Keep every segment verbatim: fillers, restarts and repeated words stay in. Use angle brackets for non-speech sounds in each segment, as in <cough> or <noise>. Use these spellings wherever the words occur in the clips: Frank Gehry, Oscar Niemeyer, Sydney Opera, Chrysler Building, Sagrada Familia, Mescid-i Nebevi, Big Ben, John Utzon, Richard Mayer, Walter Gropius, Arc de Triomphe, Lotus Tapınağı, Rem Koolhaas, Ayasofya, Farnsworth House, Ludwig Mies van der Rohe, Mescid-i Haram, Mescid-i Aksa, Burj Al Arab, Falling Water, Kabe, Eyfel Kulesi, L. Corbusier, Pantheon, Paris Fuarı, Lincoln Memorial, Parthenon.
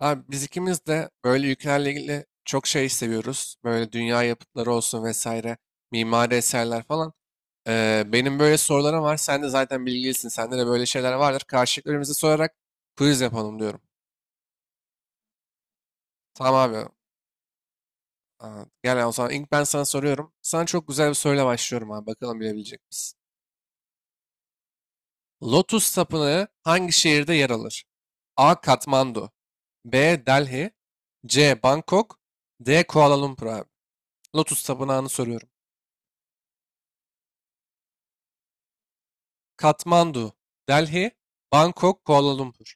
Abi biz ikimiz de böyle ülkelerle ilgili çok şey seviyoruz. Böyle dünya yapıtları olsun vesaire, mimari eserler falan. Ee, benim böyle sorularım var. Sen de zaten bilgilisin. Sende de böyle şeyler vardır. Karşılıklarımızı sorarak quiz yapalım diyorum. Tamam abi. Aa, gel o zaman ilk ben sana soruyorum. Sana çok güzel bir soruyla başlıyorum abi. Bakalım bilebilecek misin? Lotus Tapınağı hangi şehirde yer alır? A. Katmandu, B. Delhi, C. Bangkok, D. Kuala Lumpur abi. Lotus Tapınağı'nı soruyorum. Katmandu, Delhi, Bangkok, Kuala Lumpur.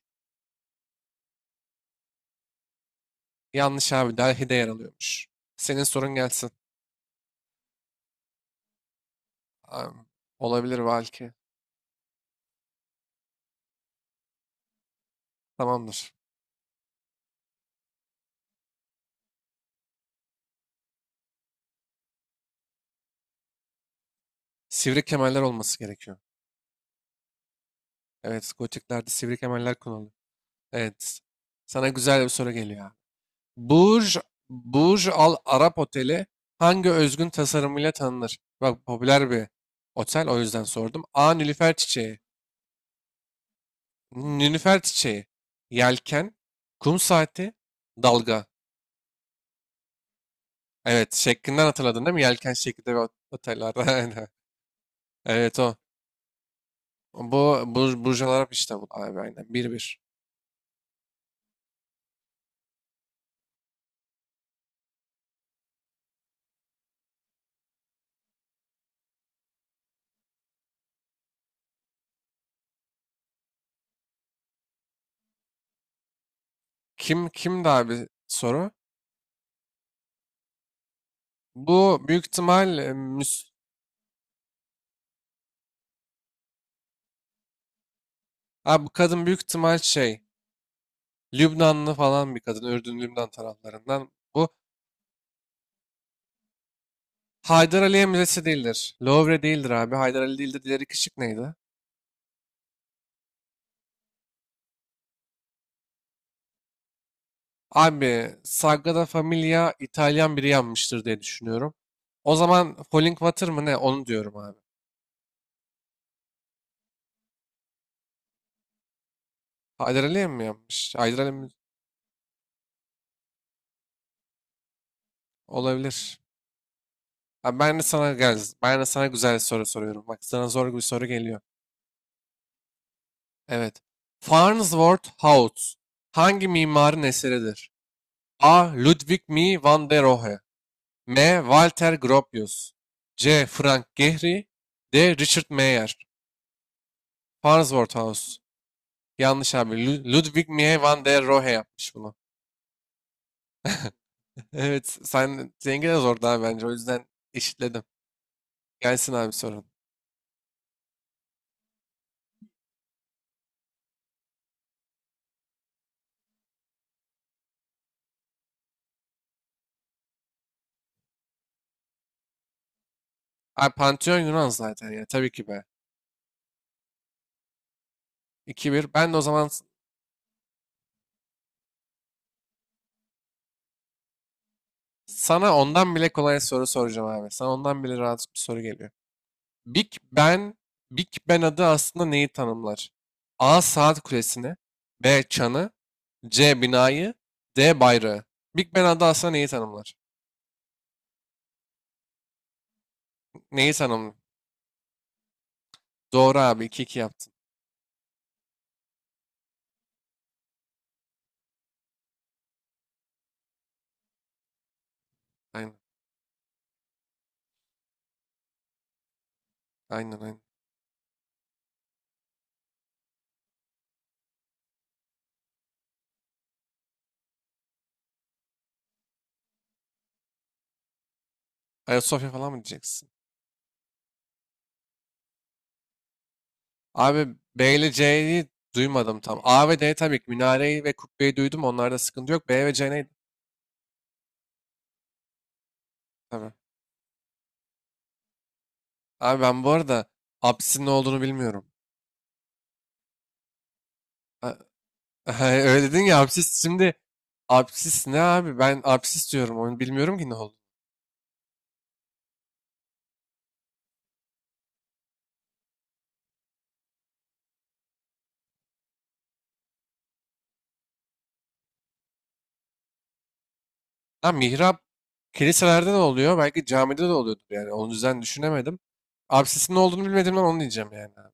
Yanlış abi. Delhi'de yer alıyormuş. Senin sorun gelsin. Am, Olabilir belki. Tamamdır. Sivri kemerler olması gerekiyor. Evet, gotiklerde sivri kemerler kullanılıyor. Evet. Sana güzel bir soru geliyor abi. Burj, Burj Al Arab Oteli hangi özgün tasarımıyla tanınır? Bak popüler bir otel, o yüzden sordum. A. Nilüfer çiçeği. Nilüfer çiçeği. Yelken. Kum saati. Dalga. Evet, şeklinden hatırladın değil mi? Yelken şeklinde bir oteller. <laughs> Aynen. Evet o. Bu bu Burj Al Arab işte bu abi, aynen. Bir bir. Kim kimdi abi soru? Bu büyük ihtimal e, Müs abi, bu kadın büyük ihtimal şey, Lübnanlı falan bir kadın. Ürdün Lübnan taraflarından. Bu Haydar Aliye Müzesi değildir. Louvre değildir abi. Haydar Ali değildir. Diğeri kışık neydi? Abi Sagrada Familia İtalyan biri yanmıştır diye düşünüyorum. O zaman Falling Water mı ne? Onu diyorum abi. Haydar Ali'ye mi yapmış? Haydar Ali mi? Olabilir. Ha, ben de sana gel, ben de sana güzel soru soruyorum. Bak sana zor bir soru geliyor. Evet. Farnsworth House hangi mimarın eseridir? A. Ludwig Mies van der Rohe, M. Walter Gropius, C. Frank Gehry, D. Richard Mayer. Farnsworth House. Yanlış abi. Lu- Ludwig Mies van der Rohe yapmış bunu. <laughs> Evet. Sen zengin de zordu abi bence. O yüzden eşitledim. Gelsin abi sorun. Ay Pantheon Yunan zaten ya, tabii ki be. iki bir. Ben de o zaman s- sana ondan bile kolay soru soracağım abi. Sana ondan bile rahat bir soru geliyor. Big Ben, Big Ben adı aslında neyi tanımlar? A. Saat kulesini, B. Çanı, C. Binayı, D. Bayrağı. Big Ben adı aslında neyi tanımlar? Neyi tanımlar? Doğru abi, iki iki yaptın. Aynen, aynen, aynen. Ayasofya falan mı diyeceksin? Abi B ile C'yi duymadım tam. A ve D tabii ki, minareyi ve kubbeyi duydum, onlarda sıkıntı yok. B ve C neydi? Tabii. Abi ben bu arada apsisin ne olduğunu bilmiyorum. A- <laughs> Öyle dedin ya apsis, şimdi apsis ne abi? Ben apsis diyorum, onu bilmiyorum ki ne oldu. Ha, mihrap kiliselerde ne oluyor? Belki camide de oluyordur yani. Onun yüzden düşünemedim. Apsisin ne olduğunu bilmediğimden onu diyeceğim yani abi.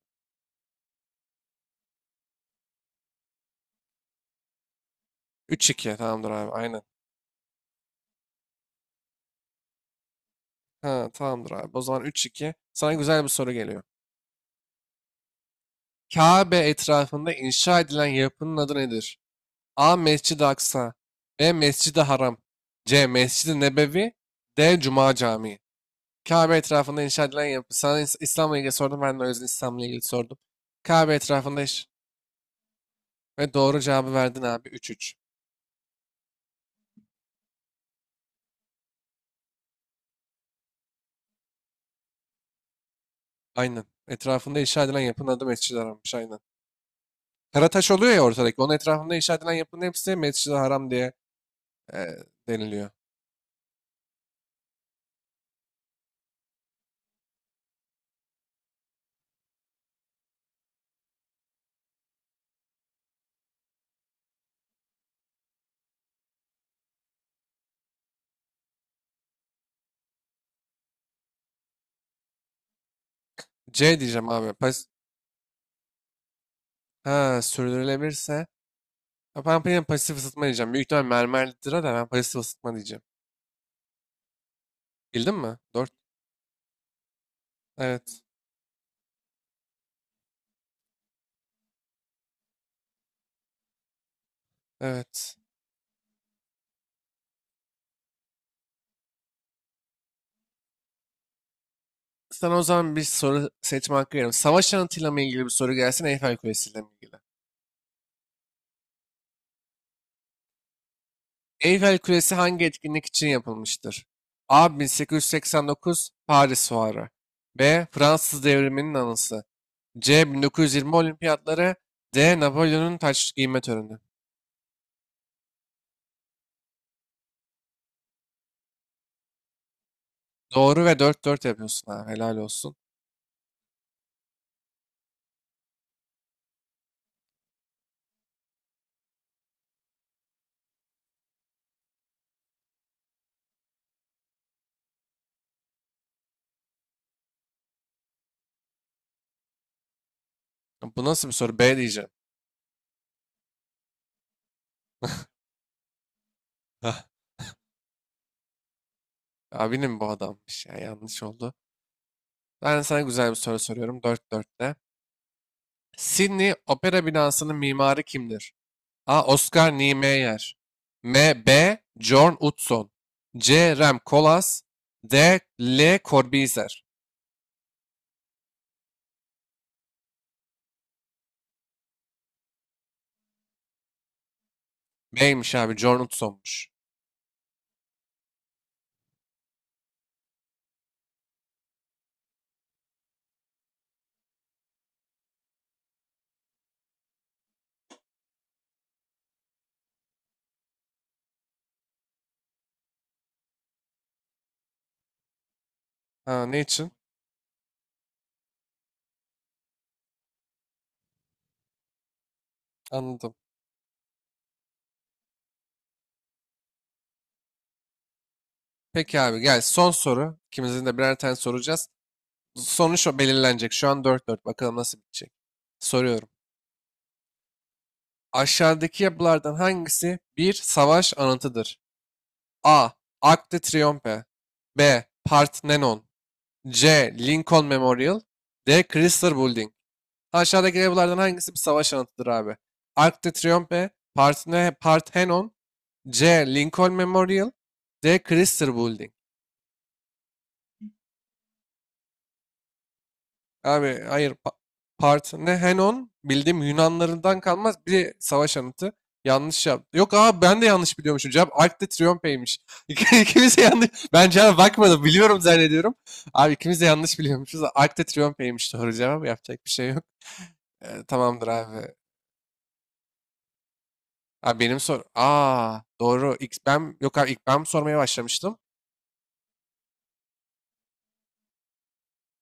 Üç iki, tamamdır abi, aynen. Ha, tamamdır abi. O zaman üç iki. Sana güzel bir soru geliyor. Kabe etrafında inşa edilen yapının adı nedir? A. Mescid-i Aksa, B. Mescid-i Haram, C. Mescid-i Nebevi, D. Cuma Camii. Kabe etrafında inşa edilen yapı. Sana İslam'la ilgili sordum. Ben de o yüzden İslam'la ilgili sordum. Kabe etrafında iş. Ve doğru cevabı verdin abi. üç üç. Aynen. Etrafında inşa edilen yapının adı Mescid-i Haram'mış. Aynen. Karataş oluyor ya ortadaki. Onun etrafında inşa edilen yapının hepsi Mescid-i Haram diye e, deniliyor. C diyeceğim abi. Pas ha, sürdürülebilirse. Ya ben, benim pasif ısıtma diyeceğim. Büyük ihtimal mermerlidir da ben pasif ısıtma diyeceğim. Bildin mi? Dört. Evet. Evet. Sana o zaman bir soru seçme hakkı veriyorum. Savaş anıtıyla mı ilgili bir soru gelsin, Eyfel Kulesi ile mi ilgili? Eyfel Kulesi hangi etkinlik için yapılmıştır? A. bin sekiz yüz seksen dokuz Paris Fuarı. B. Fransız Devrimi'nin anısı. C. bin dokuz yüz yirmi Olimpiyatları. D. Napolyon'un taç giyme töreni. Doğru, ve dört dört yapıyorsun ha. Helal olsun. Bu nasıl bir soru? B diyeceğim. Hah. Abinin bu adammış ya. Yanlış oldu. Ben sana güzel bir soru soruyorum. dört dörtte Sydney Opera binasının mimarı kimdir? A. Oscar Niemeyer, M. B. John Utzon, C. Rem Koolhaas, D. L. Corbusier. B'ymiş abi, John Utzon'muş. Ha, ne için? Anladım. Peki abi, gel son soru. İkimizin de birer tane soracağız. Sonuç o belirlenecek. Şu an dört dört. Bakalım nasıl bitecek. Soruyorum. Aşağıdaki yapılardan hangisi bir savaş anıtıdır? A. Arc de Triomphe, B. Parthenon, C. Lincoln Memorial, D. Chrysler Building. Aşağıdaki evlerden hangisi bir savaş anıtıdır abi? Arc de Triomphe, Parthenon, C. Lincoln Memorial, D. Chrysler Building. Abi hayır, Pa- Parthenon bildiğim Yunanlarından kalmaz bir savaş anıtı. Yanlış yaptı. Yok abi, ben de yanlış biliyormuşum. Cevap Arc de Triomphe'ymiş. <laughs> İkimiz de yanlış. Ben cevaba bakmadım. Biliyorum zannediyorum. Abi ikimiz de yanlış biliyormuşuz. Arc de Triomphe'ymiş doğru cevap. Yapacak bir şey yok. Ee, tamamdır abi. Abi benim sor. Aa, doğru. İlk ben, yok abi, ilk ben sormaya başlamıştım.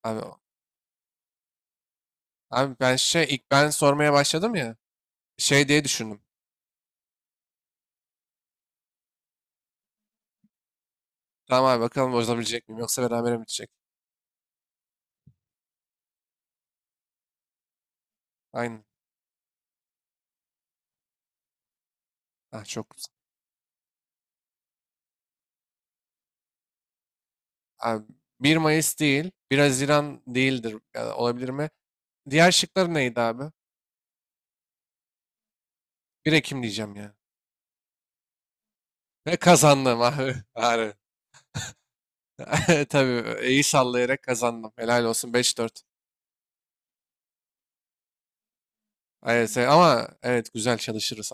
Abi, abi ben şey ilk ben sormaya başladım ya. Şey diye düşündüm. Tamam abi, bakalım bozabilecek miyim yoksa beraber mi bitecek? Aynen. Ah, çok güzel. Abi bir Mayıs değil. bir Haziran değildir. Ya, olabilir mi? Diğer şıkları neydi abi? bir Ekim diyeceğim ya. Ve kazandım abi. <laughs> Bari. <laughs> Tabii iyi sallayarak kazandım. Helal olsun, beş dört. Evet, e, ama evet güzel çalışırız.